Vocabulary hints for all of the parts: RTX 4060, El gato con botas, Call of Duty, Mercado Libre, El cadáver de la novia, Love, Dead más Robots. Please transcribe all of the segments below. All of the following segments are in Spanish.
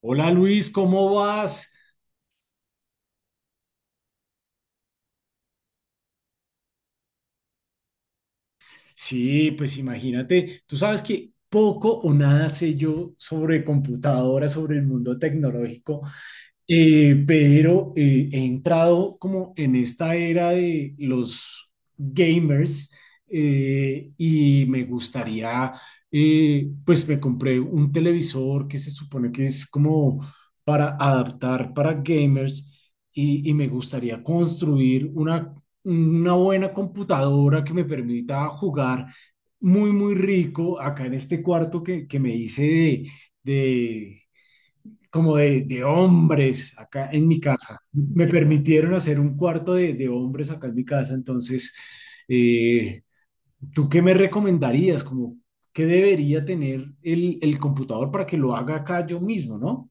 Hola Luis, ¿cómo vas? Sí, pues imagínate, tú sabes que poco o nada sé yo sobre computadoras, sobre el mundo tecnológico. Pero he entrado como en esta era de los gamers y me gustaría, pues me compré un televisor que se supone que es como para adaptar para gamers y me gustaría construir una buena computadora que me permita jugar muy, muy rico acá en este cuarto que me hice de como de hombres acá en mi casa. Me permitieron hacer un cuarto de hombres acá en mi casa. Entonces, eh, ¿tú qué me recomendarías? Como, ¿qué debería tener el computador para que lo haga acá yo mismo, no?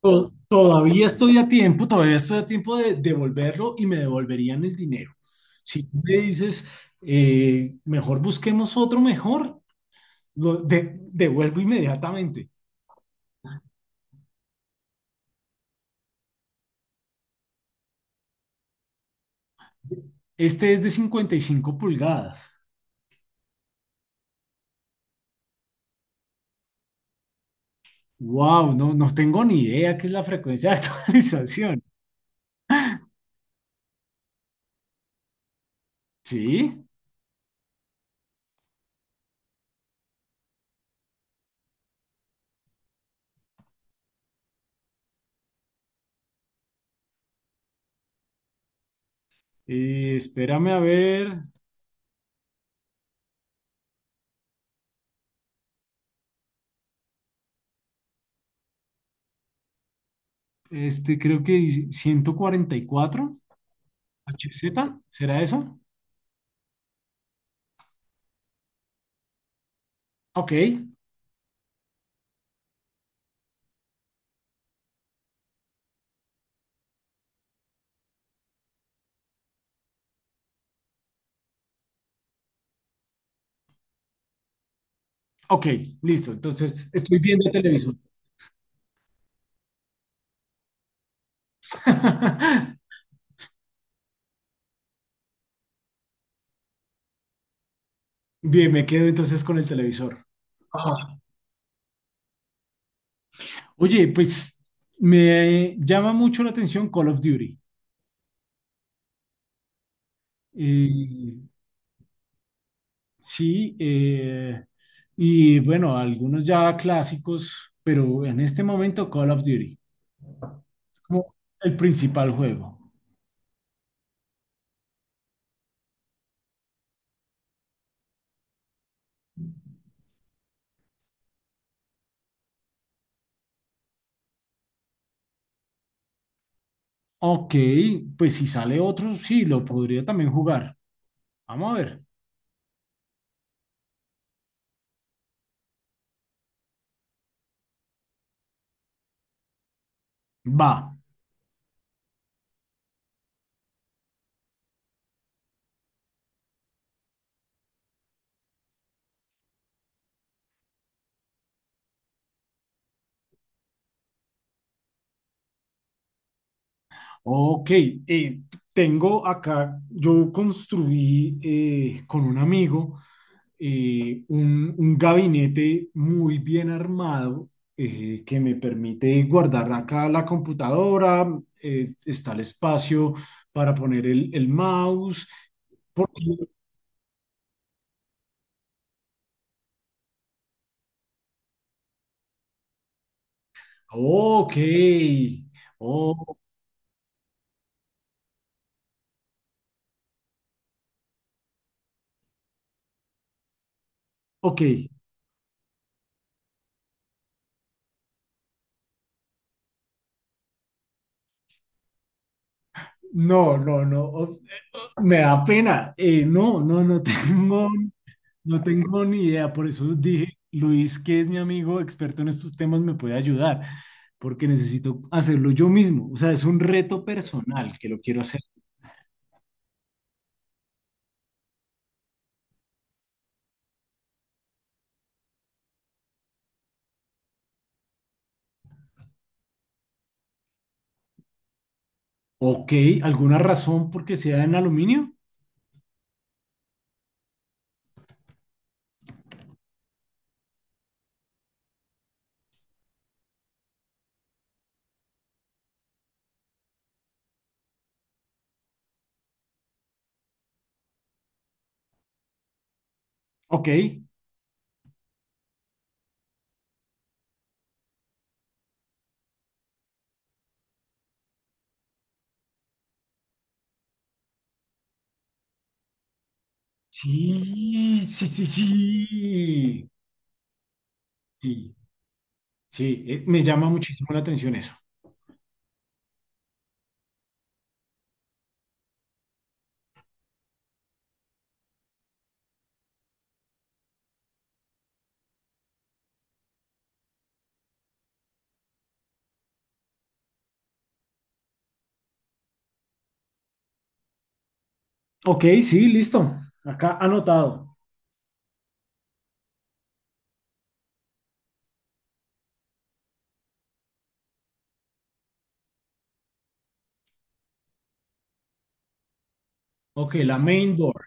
Todavía estoy a tiempo, todavía estoy a tiempo de devolverlo y me devolverían el dinero. Si tú me dices, mejor busquemos otro mejor, lo devuelvo inmediatamente. Este es de 55 pulgadas. Wow, no, no tengo ni idea qué es la frecuencia de actualización. Sí, espérame a ver, este creo que 144 Hz, ¿será eso? Ok, ok, listo. Entonces estoy viendo el televisor. Bien, me quedo entonces con el televisor. Ah, Oye, pues me llama mucho la atención Call of Duty. Eh, Sí. Y bueno, algunos ya clásicos, pero en este momento Call of Duty es como el principal juego. Ok, pues si sale otro, sí, lo podría también jugar. Vamos a ver. Va. Ok, eh, tengo acá, yo construí con un amigo un gabinete muy bien armado que me permite guardar acá la computadora. Eh, está el espacio para poner el mouse. Porque... Ok, oh, ok. No, no, no, me da pena. No, no, no tengo. No tengo ni idea, por eso dije, Luis, que es mi amigo experto en estos temas, me puede ayudar, porque necesito hacerlo yo mismo. O sea, es un reto personal que lo quiero hacer. Ok, ¿alguna razón por qué sea en aluminio? Ok. Sí, sí, sí, sí. Sí, sí, me llama muchísimo la atención eso. Ok, sí, listo. Acá anotado. Ok, la main door.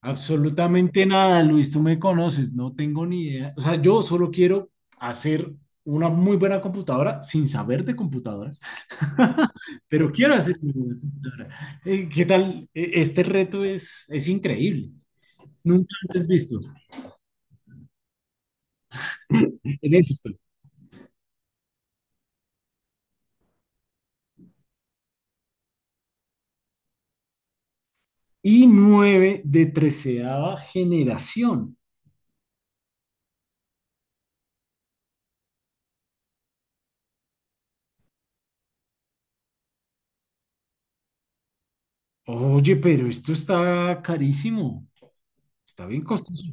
Absolutamente nada, Luis, tú me conoces, no tengo ni idea. O sea, yo solo quiero hacer una muy buena computadora sin saber de computadoras, pero quiero hacer una buena computadora. ¿Qué tal? Este reto es increíble, nunca antes visto. En eso estoy. Y 9 de treceava generación. Oye, pero esto está carísimo, está bien costoso.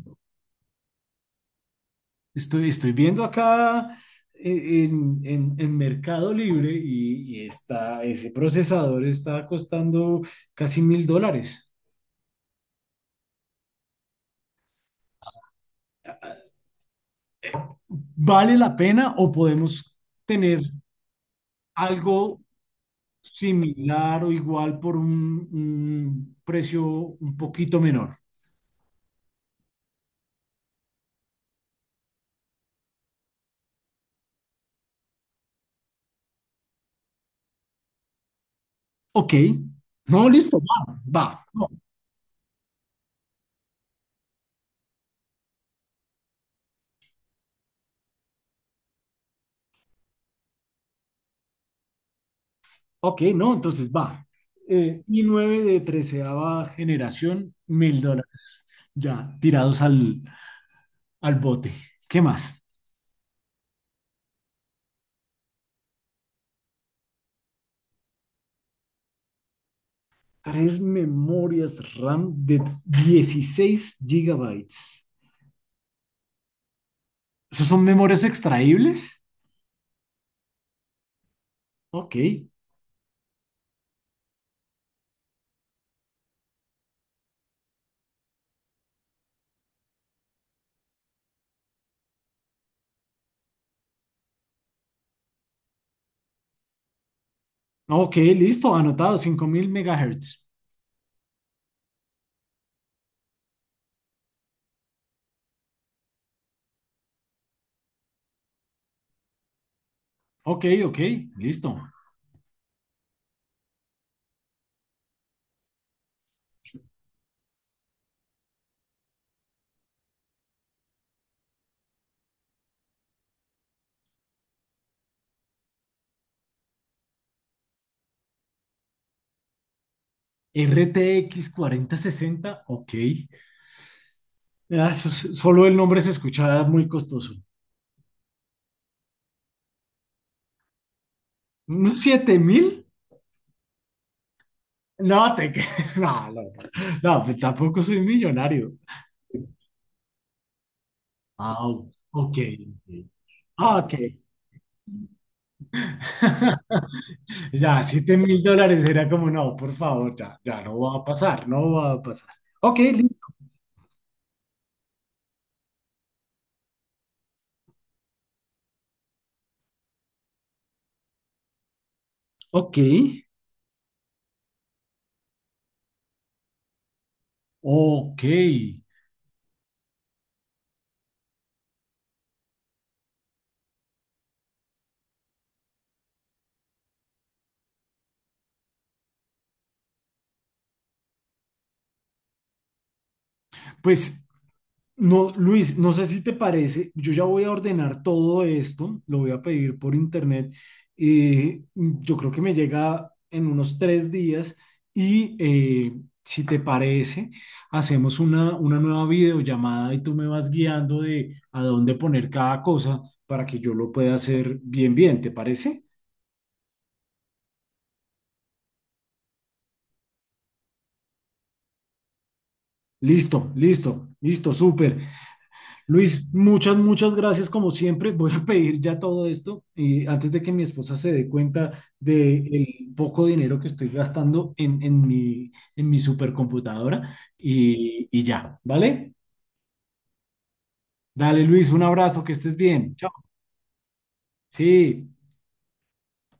Estoy, estoy viendo acá en, en Mercado Libre y está, ese procesador está costando casi $1000. ¿Vale la pena o podemos tener algo similar o igual por un precio un poquito menor? Ok, no, listo, va, va. No, ok, no, entonces va. I9 de treceava generación, $1000, ya tirados al, al bote. ¿Qué más? Tres memorias RAM de 16 GB. ¿Esos son memorias extraíbles? Ok, ok, listo, anotado, 5000 MHz. Ok, ok, listo. RTX 4060, ok. Ah, eso solo el nombre se escuchaba muy costoso. ¿Siete mil? No, te... cre- no, no, no, pues tampoco soy millonario. Wow, ok. Ok. Ah, ok. Ya, $7000 era como, no, por favor, ya, ya no va a pasar, no va a pasar. Ok, listo. Ok, ok, pues no, Luis, no sé si te parece, yo ya voy a ordenar todo esto, lo voy a pedir por internet y yo creo que me llega en unos 3 días y si te parece, hacemos una nueva videollamada y tú me vas guiando de a dónde poner cada cosa para que yo lo pueda hacer bien, bien, ¿te parece? Listo, listo, listo, súper. Luis, muchas, muchas gracias como siempre. Voy a pedir ya todo esto antes de que mi esposa se dé cuenta del poco dinero que estoy gastando en mi supercomputadora y ya, ¿vale? Dale, Luis, un abrazo, que estés bien. Chao. Sí.